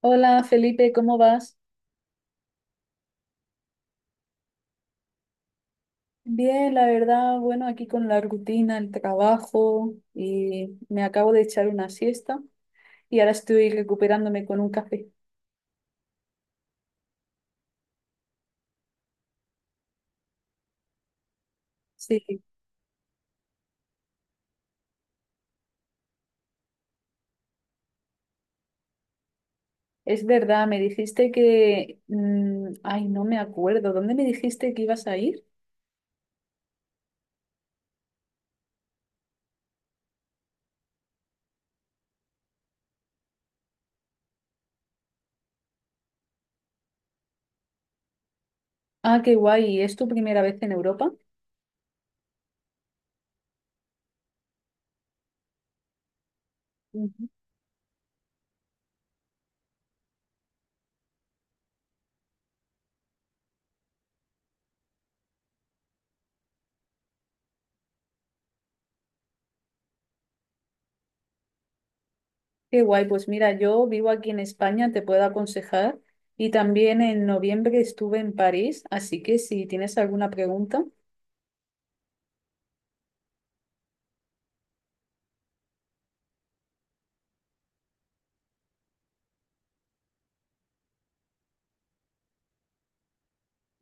Hola Felipe, ¿cómo vas? Bien, la verdad, bueno, aquí con la rutina, el trabajo y me acabo de echar una siesta y ahora estoy recuperándome con un café. Sí, es verdad, me dijiste que... ay, no me acuerdo, ¿dónde me dijiste que ibas a ir? Ah, qué guay, ¿es tu primera vez en Europa? Ujú. Qué guay, pues mira, yo vivo aquí en España, te puedo aconsejar y también en noviembre estuve en París, así que si tienes alguna pregunta.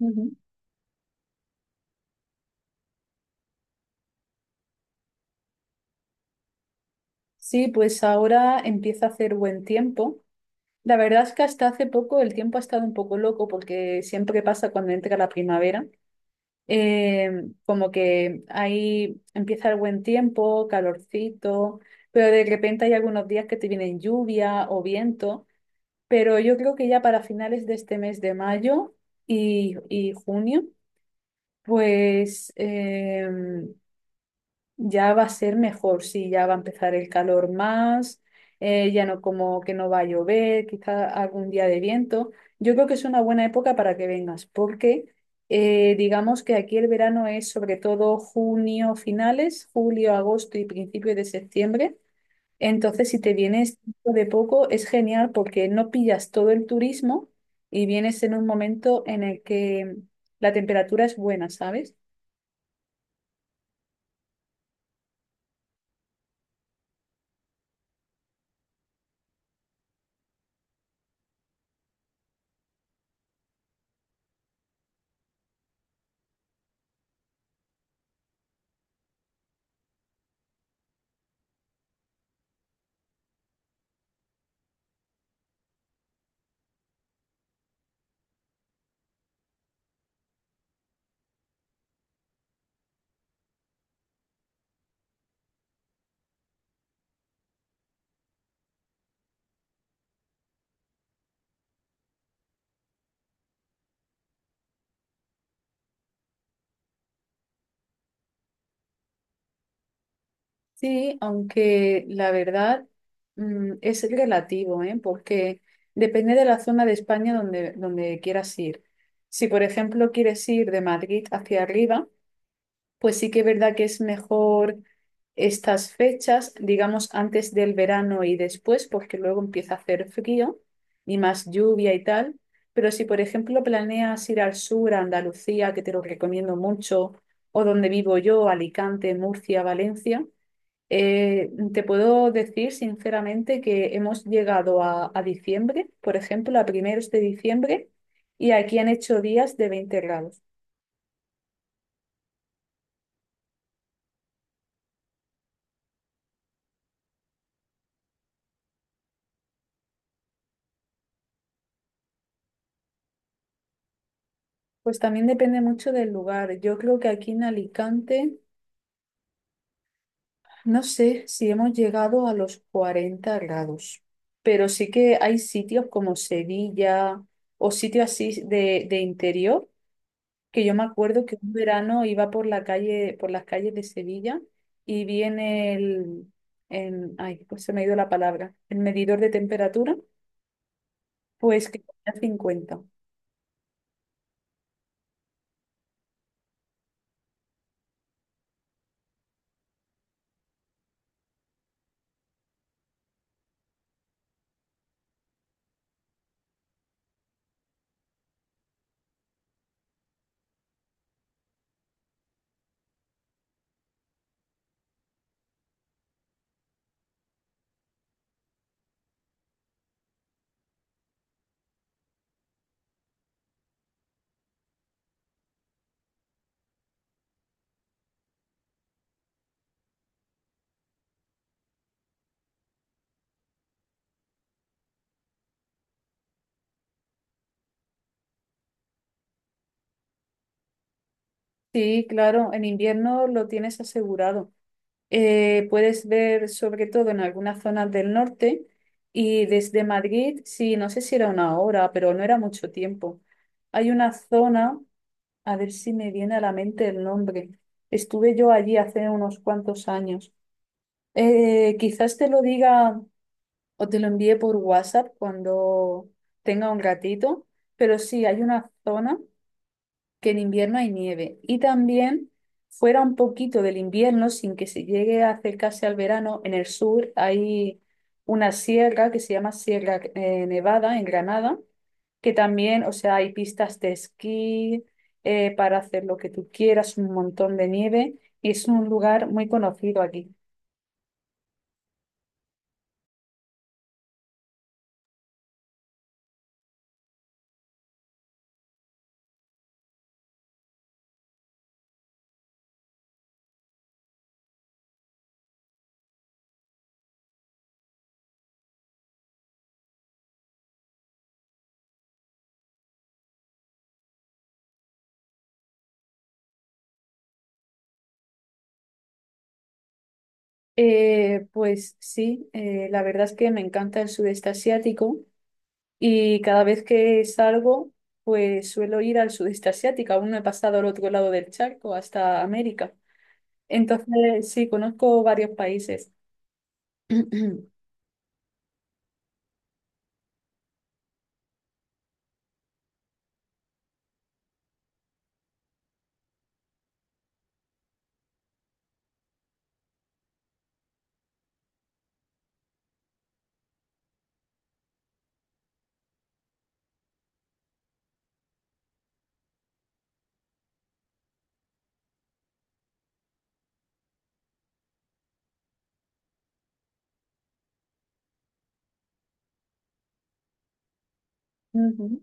Ujú. Sí, pues ahora empieza a hacer buen tiempo. La verdad es que hasta hace poco el tiempo ha estado un poco loco porque siempre pasa cuando entra la primavera. Eh, Como que ahí empieza el buen tiempo, calorcito, pero de repente hay algunos días que te vienen lluvia o viento. Pero yo creo que ya para finales de este mes de mayo y junio, pues ya va a ser mejor, sí, ya va a empezar el calor más, ya no como que no va a llover, quizá algún día de viento. Yo creo que es una buena época para que vengas, porque digamos que aquí el verano es sobre todo junio finales, julio, agosto y principio de septiembre. Entonces, si te vienes dentro de poco, es genial porque no pillas todo el turismo y vienes en un momento en el que la temperatura es buena, ¿sabes? Sí, aunque la verdad es relativo, ¿eh? Porque depende de la zona de España donde quieras ir. Si, por ejemplo, quieres ir de Madrid hacia arriba, pues sí que es verdad que es mejor estas fechas, digamos, antes del verano y después, porque luego empieza a hacer frío y más lluvia y tal. Pero si, por ejemplo, planeas ir al sur, a Andalucía, que te lo recomiendo mucho, o donde vivo yo, Alicante, Murcia, Valencia, te puedo decir sinceramente que hemos llegado a diciembre, por ejemplo, a primeros de diciembre, y aquí han hecho días de 20 grados. Pues también depende mucho del lugar. Yo creo que aquí en Alicante, no sé si hemos llegado a los 40 grados, pero sí que hay sitios como Sevilla o sitios así de interior, que yo me acuerdo que un verano iba por la calle, por las calles de Sevilla y vi en el, ay, pues se me ha ido la palabra, el medidor de temperatura, pues que tenía 50. Sí, claro, en invierno lo tienes asegurado. Puedes ver sobre todo en algunas zonas del norte y desde Madrid, sí, no sé si era 1 hora, pero no era mucho tiempo. Hay una zona, a ver si me viene a la mente el nombre. Estuve yo allí hace unos cuantos años. Quizás te lo diga o te lo envíe por WhatsApp cuando tenga un ratito, pero sí, hay una zona que en invierno hay nieve y también fuera un poquito del invierno sin que se llegue a acercarse al verano, en el sur hay una sierra que se llama Sierra Nevada, en Granada, que también, o sea, hay pistas de esquí para hacer lo que tú quieras, un montón de nieve, y es un lugar muy conocido aquí. Pues sí, la verdad es que me encanta el sudeste asiático y cada vez que salgo, pues suelo ir al sudeste asiático. Aún no he pasado al otro lado del charco, hasta América. Entonces, sí, conozco varios países. Ujú.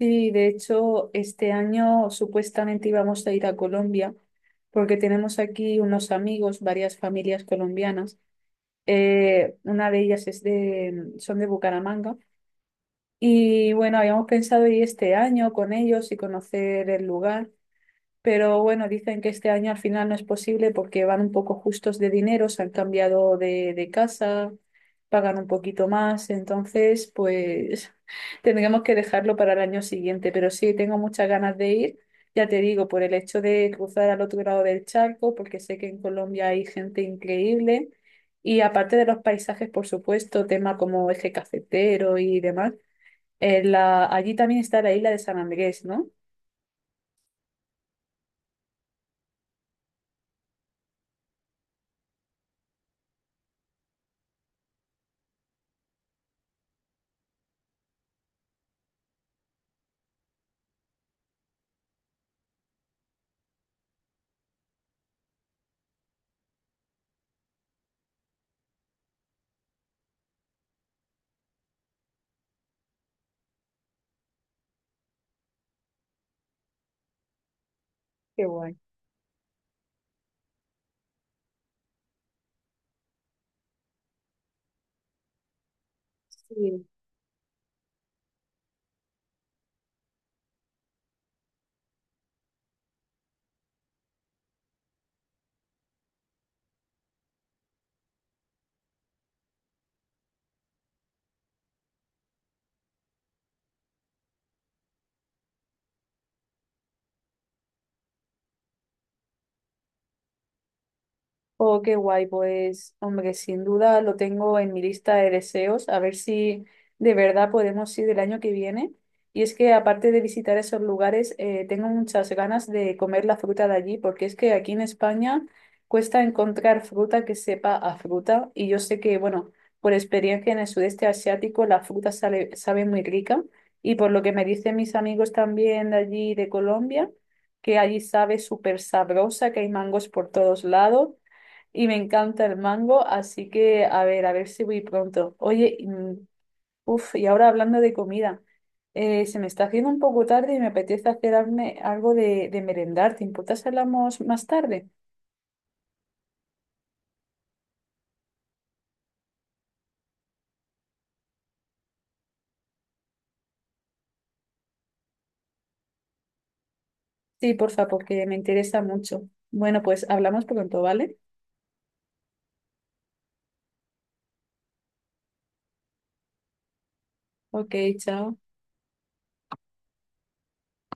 Sí, de hecho, este año supuestamente íbamos a ir a Colombia porque tenemos aquí unos amigos, varias familias colombianas. Una de ellas es de, son de Bucaramanga. Y bueno, habíamos pensado ir este año con ellos y conocer el lugar, pero bueno, dicen que este año al final no es posible porque van un poco justos de dinero, se han cambiado de casa, pagan un poquito más, entonces pues tendremos que dejarlo para el año siguiente, pero sí, tengo muchas ganas de ir, ya te digo, por el hecho de cruzar al otro lado del charco, porque sé que en Colombia hay gente increíble. Y aparte de los paisajes, por supuesto, tema como eje cafetero y demás, allí también está la isla de San Andrés, ¿no? Qué guay. Sí. Oh, qué guay, pues, hombre, sin duda lo tengo en mi lista de deseos, a ver si de verdad podemos ir el año que viene. Y es que aparte de visitar esos lugares, tengo muchas ganas de comer la fruta de allí, porque es que aquí en España cuesta encontrar fruta que sepa a fruta. Y yo sé que, bueno, por experiencia en el sudeste asiático, la fruta sabe muy rica. Y por lo que me dicen mis amigos también de allí, de Colombia, que allí sabe súper sabrosa, que hay mangos por todos lados y me encanta el mango, así que a ver si voy pronto. Oye, uf, y ahora hablando de comida, se me está haciendo un poco tarde y me apetece hacerme algo de merendar. ¿Te importa si hablamos más tarde? Sí, porfa, porque me interesa mucho. Bueno, pues hablamos pronto, ¿vale? Ok, chao.